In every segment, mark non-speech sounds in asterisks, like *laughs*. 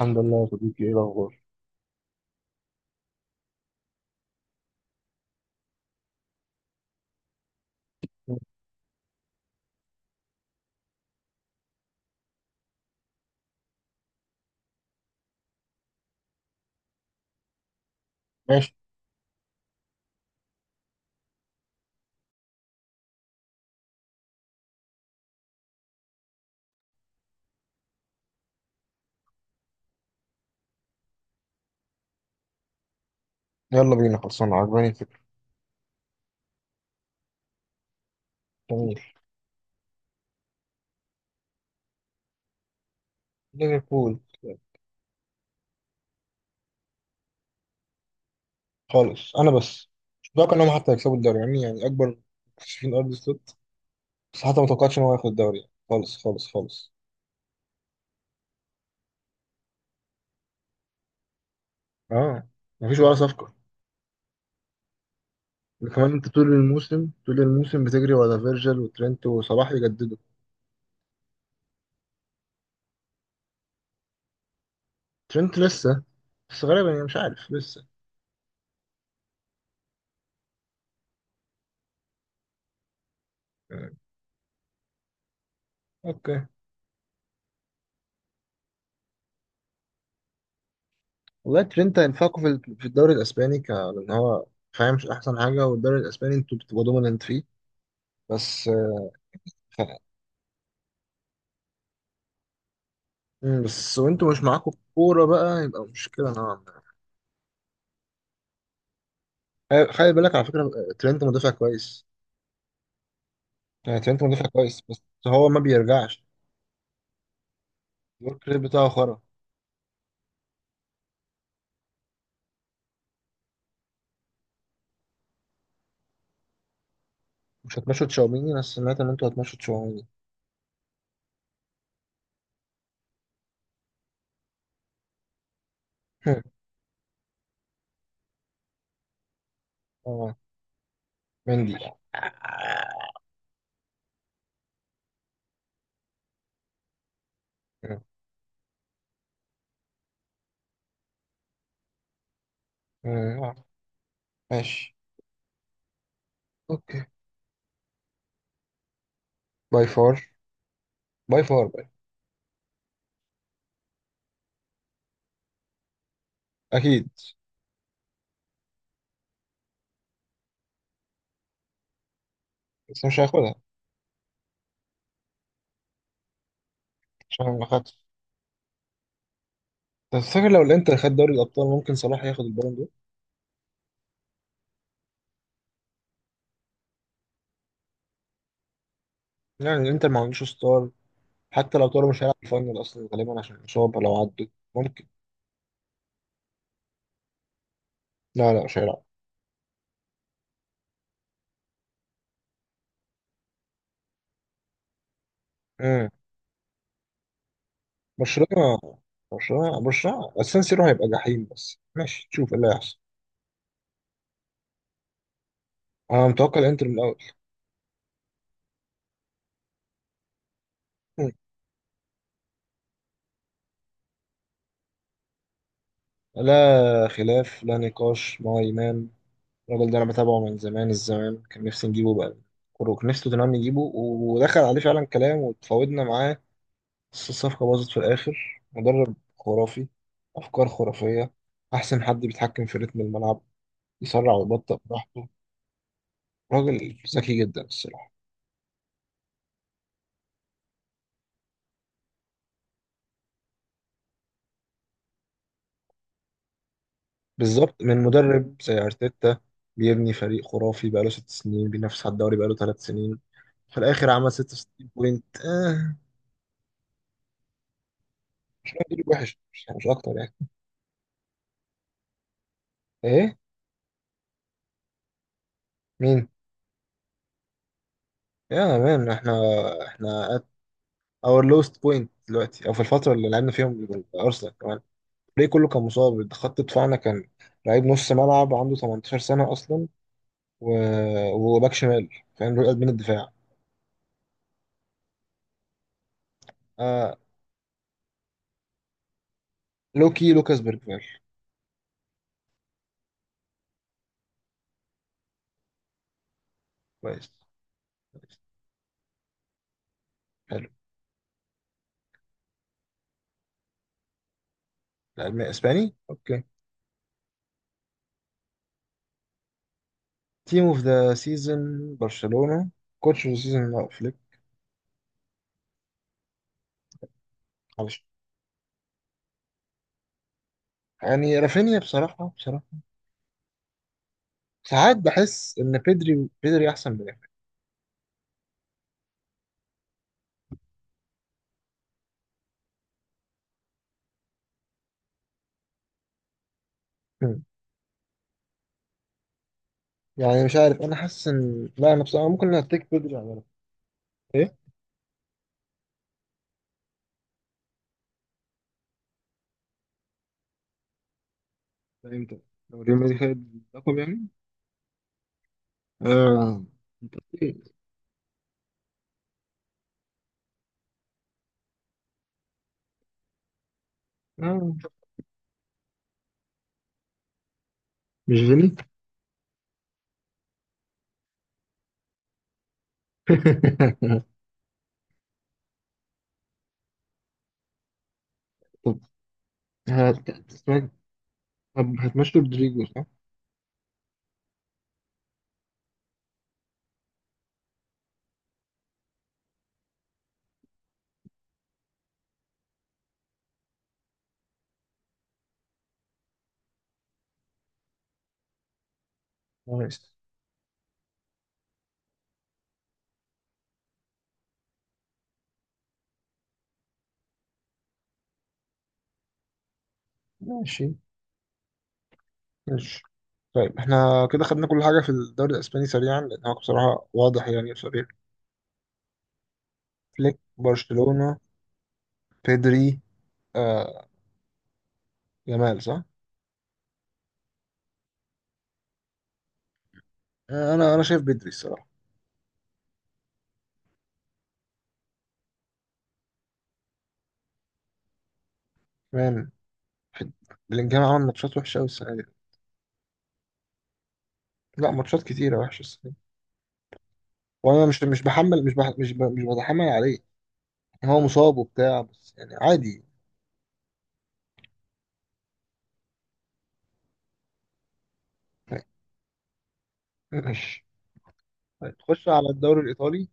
الحمد لله يا صديقي، ايه الاخبار؟ ماشي. يلا بينا، خلصنا، عجباني الفكره. جميل. ليفربول. خالص. انا بس مش متوقع انهم حتى يكسبوا الدوري، يعني اكبر مكتشفين ارض السلوت. بس حتى ما توقعتش ان هو ياخد الدوري يعني. خالص خالص خالص. اه، مفيش ولا صفقه. كمان انت طول الموسم طول الموسم بتجري ورا فيرجل وترينت وصلاح يجددوا. ترينت لسه، بس غالبا، يعني مش عارف لسه. آه، اوكي. والله ترينت هينفعكوا في الدوري الاسباني لان هو فاهم، مش احسن حاجه؟ والدوري الاسباني انتوا بتبقوا دوميننت فيه. بس بس وانتوا مش معاكوا كورة بقى، يبقى مشكلة نوعا ما. خلي بالك على فكرة، ترينت مدافع كويس. ترينت مدافع كويس، بس هو ما بيرجعش. الورك ريت بتاعه خرا. مش هتمشوا تشاوميني؟ انا سمعت ان انتوا هتمشوا تشاوميني. هم. *laughs* اه، مندي. آه، آه، آه، ماشي. اوكي، باي فار. باي فار. اكيد، بس مش هياخدها. عشان ما خدش. بس فاكر لو الانتر خد دوري الابطال، ممكن صلاح ياخد البالون دور. يعني الانتر ما عندوش ستار، حتى لو طاروا مش هيلعب الفاينل اصلا غالبا عشان الاصابه. لو عدوا ممكن. لا لا، مش هيلعب. امم برشلونه. برشلونه. السان سيرو هيبقى جحيم، بس ماشي، تشوف ايه اللي هيحصل. انا متوقع الانتر من الاول. مم. لا خلاف لا نقاش مع امام. الراجل ده انا بتابعه من زمان. الزمان كان نفسي نجيبه بقى كروك، نفسي توتنهام نجيبه، ودخل عليه فعلا كلام وتفاوضنا معاه بس الصفقه باظت في الاخر. مدرب خرافي، افكار خرافيه. احسن حد بيتحكم في رتم الملعب، يسرع ويبطئ براحته. راجل ذكي جدا الصراحة. بالظبط، من مدرب زي أرتيتا بيبني فريق خرافي بقاله 6 سنين، بينافس على الدوري بقاله 3 سنين، في الآخر عمل 66 بوينت. آه، راجل وحش، مش أكتر يعني. إيه؟ مين؟ يا مان، إحنا at our lowest point دلوقتي، أو في الفترة اللي لعبنا فيهم أرسنال كمان. الفريق كله كان مصاب، خط دفاعنا كان لعيب، نص ملعب عنده 18 سنة أصلا، و... وباك شمال، فاهم؟ رؤية قلب من الدفاع. آه، لوكاس بيرجفال. كويس. كويس، حلو. اسباني، اوكي. تيم اوف ذا سيزون برشلونة. كوتش اوف ذا سيزون فليك. معلش. يعني رافينيا، بصراحة بصراحة ساعات بحس ان بيدري احسن من رافينيا. مم. يعني مش عارف، انا حاسس ان لا، انا بصراحة ممكن هتيك بيدري على رافينيا. ايه. ده امتى؟ لو ريال مدريد خد اللقب يعني؟ آه. انت إيه؟ آه. مش فيني؟ *laughs* طب، هت- هت- هتمشوا رودريجو صح؟ نايس. ماشي ماشي. طيب احنا كده خدنا كل حاجة في الدوري الأسباني سريعا، لأن هو بصراحة واضح يعني. فريق فليك، برشلونة، بيدري. آه، جمال صح؟ أنا شايف بيدري الصراحة. كمان بلينجهام عمل ماتشات وحشة أوي السنة دي. لا، ماتشات كتيرة وحشة السنة دي. وأنا مش مش بحمل مش بح مش ب مش بتحمل عليه. يعني هو مصاب وبتاع بس يعني عادي. طيب، ماشي. طيب خش على الدوري الإيطالي.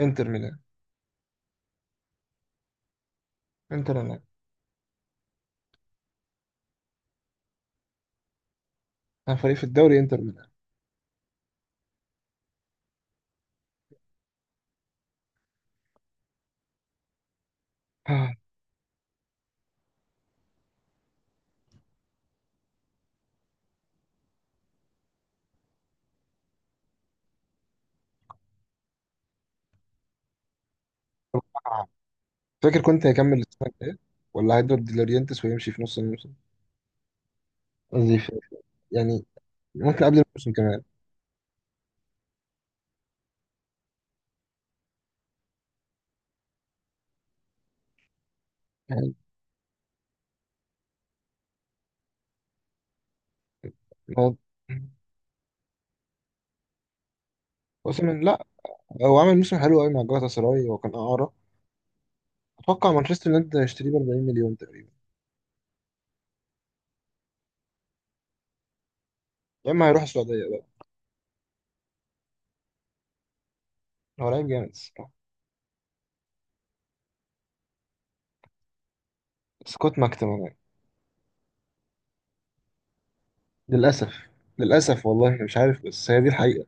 إنتر ميلان. إنتر ميلان. أنا فريق في الدوري إنتر ميلان. *sighs* فاكر كنت هيكمل السنة الجاية، ولا هيدور ديلورينتس ويمشي في نص الموسم؟ قصدي في- يعني ممكن قبل الموسم كمان. يعني هو. أوسيمين، لا. هو عمل موسم حلو قوي مع جالاتا سراي، وكان إعارة. أتوقع مانشستر يونايتد هيشتريه ب 40 مليون تقريبا، يا إما هيروح السعودية بقى. هو لعيب جامد الصراحة. سكوت ماكتوماناي. للأسف. للأسف والله، مش عارف، بس هي دي الحقيقة.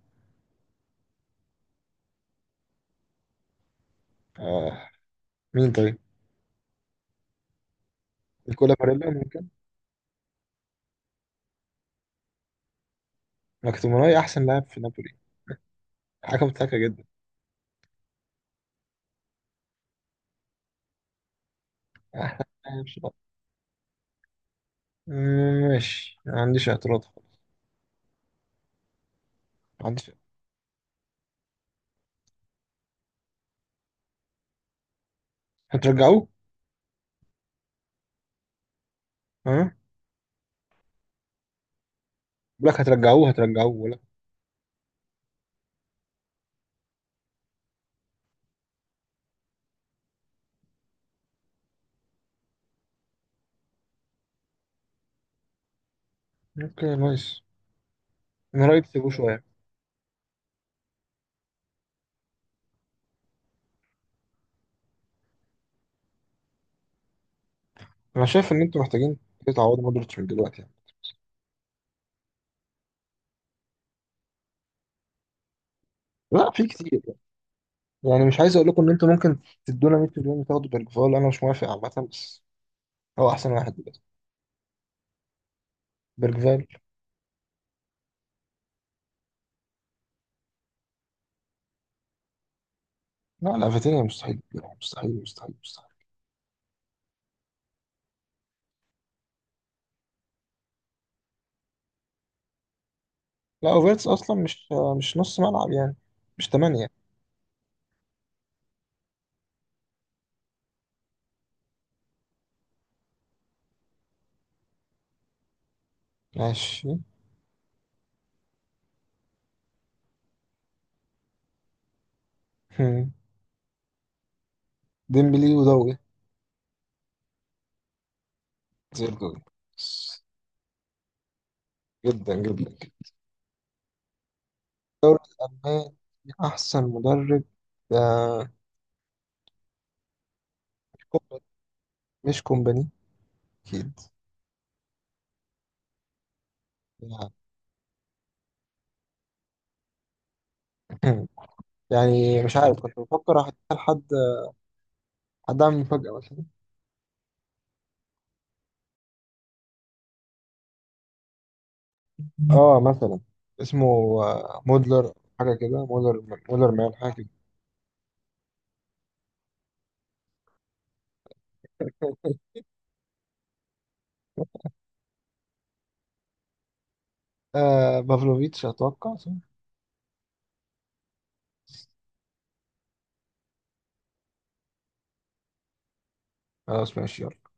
آه. مين طيب؟ نيكولا باريلا ممكن. ماكتوماناي أحسن لاعب في نابولي. حاجة مضحكة جدا. *laughs* أحسن لاعب شباب. مم، ماشي، ما عنديش اعتراض خالص. ما عنديش. هترجعوه؟ ها، أه؟ بقول لك، هترجعوه هترجعوه ولا؟ اوكي، نايس. انا رايي تسيبوه شويه. انا شايف ان انتوا محتاجين تعوضوا مودريتش من دلوقتي يعني. لا، في كتير يعني. يعني مش عايز اقول لكم ان انتوا ممكن تدونا 100 مليون وتاخدوا بيرجفال، انا مش موافق عامه، بس هو احسن واحد دلوقتي. بيرجفال. لا لا، فيتينيا مستحيل. مستحيل مستحيل مستحيل. لا، اوفيرتس اصلا مش، مش نص ملعب يعني، مش ثمانية. ماشي. *laughs* ديمبلي ودوي، زي الدول. جدا جدا. الدوري الألماني. أحسن مدرب، آه، كوبر، مش كومباني؟ أكيد. يعني *clears throat* يعني مش عارف، كنت بفكر أحط لحد، حد أعمل مفاجأة مثلا. آه، مثلا اسمه، مودلر، حاجة كده، مودلر، مودلر مان، حاجة كده. آه، بافلوفيتش أتوقع صح؟ خلاص ماشي، يلا.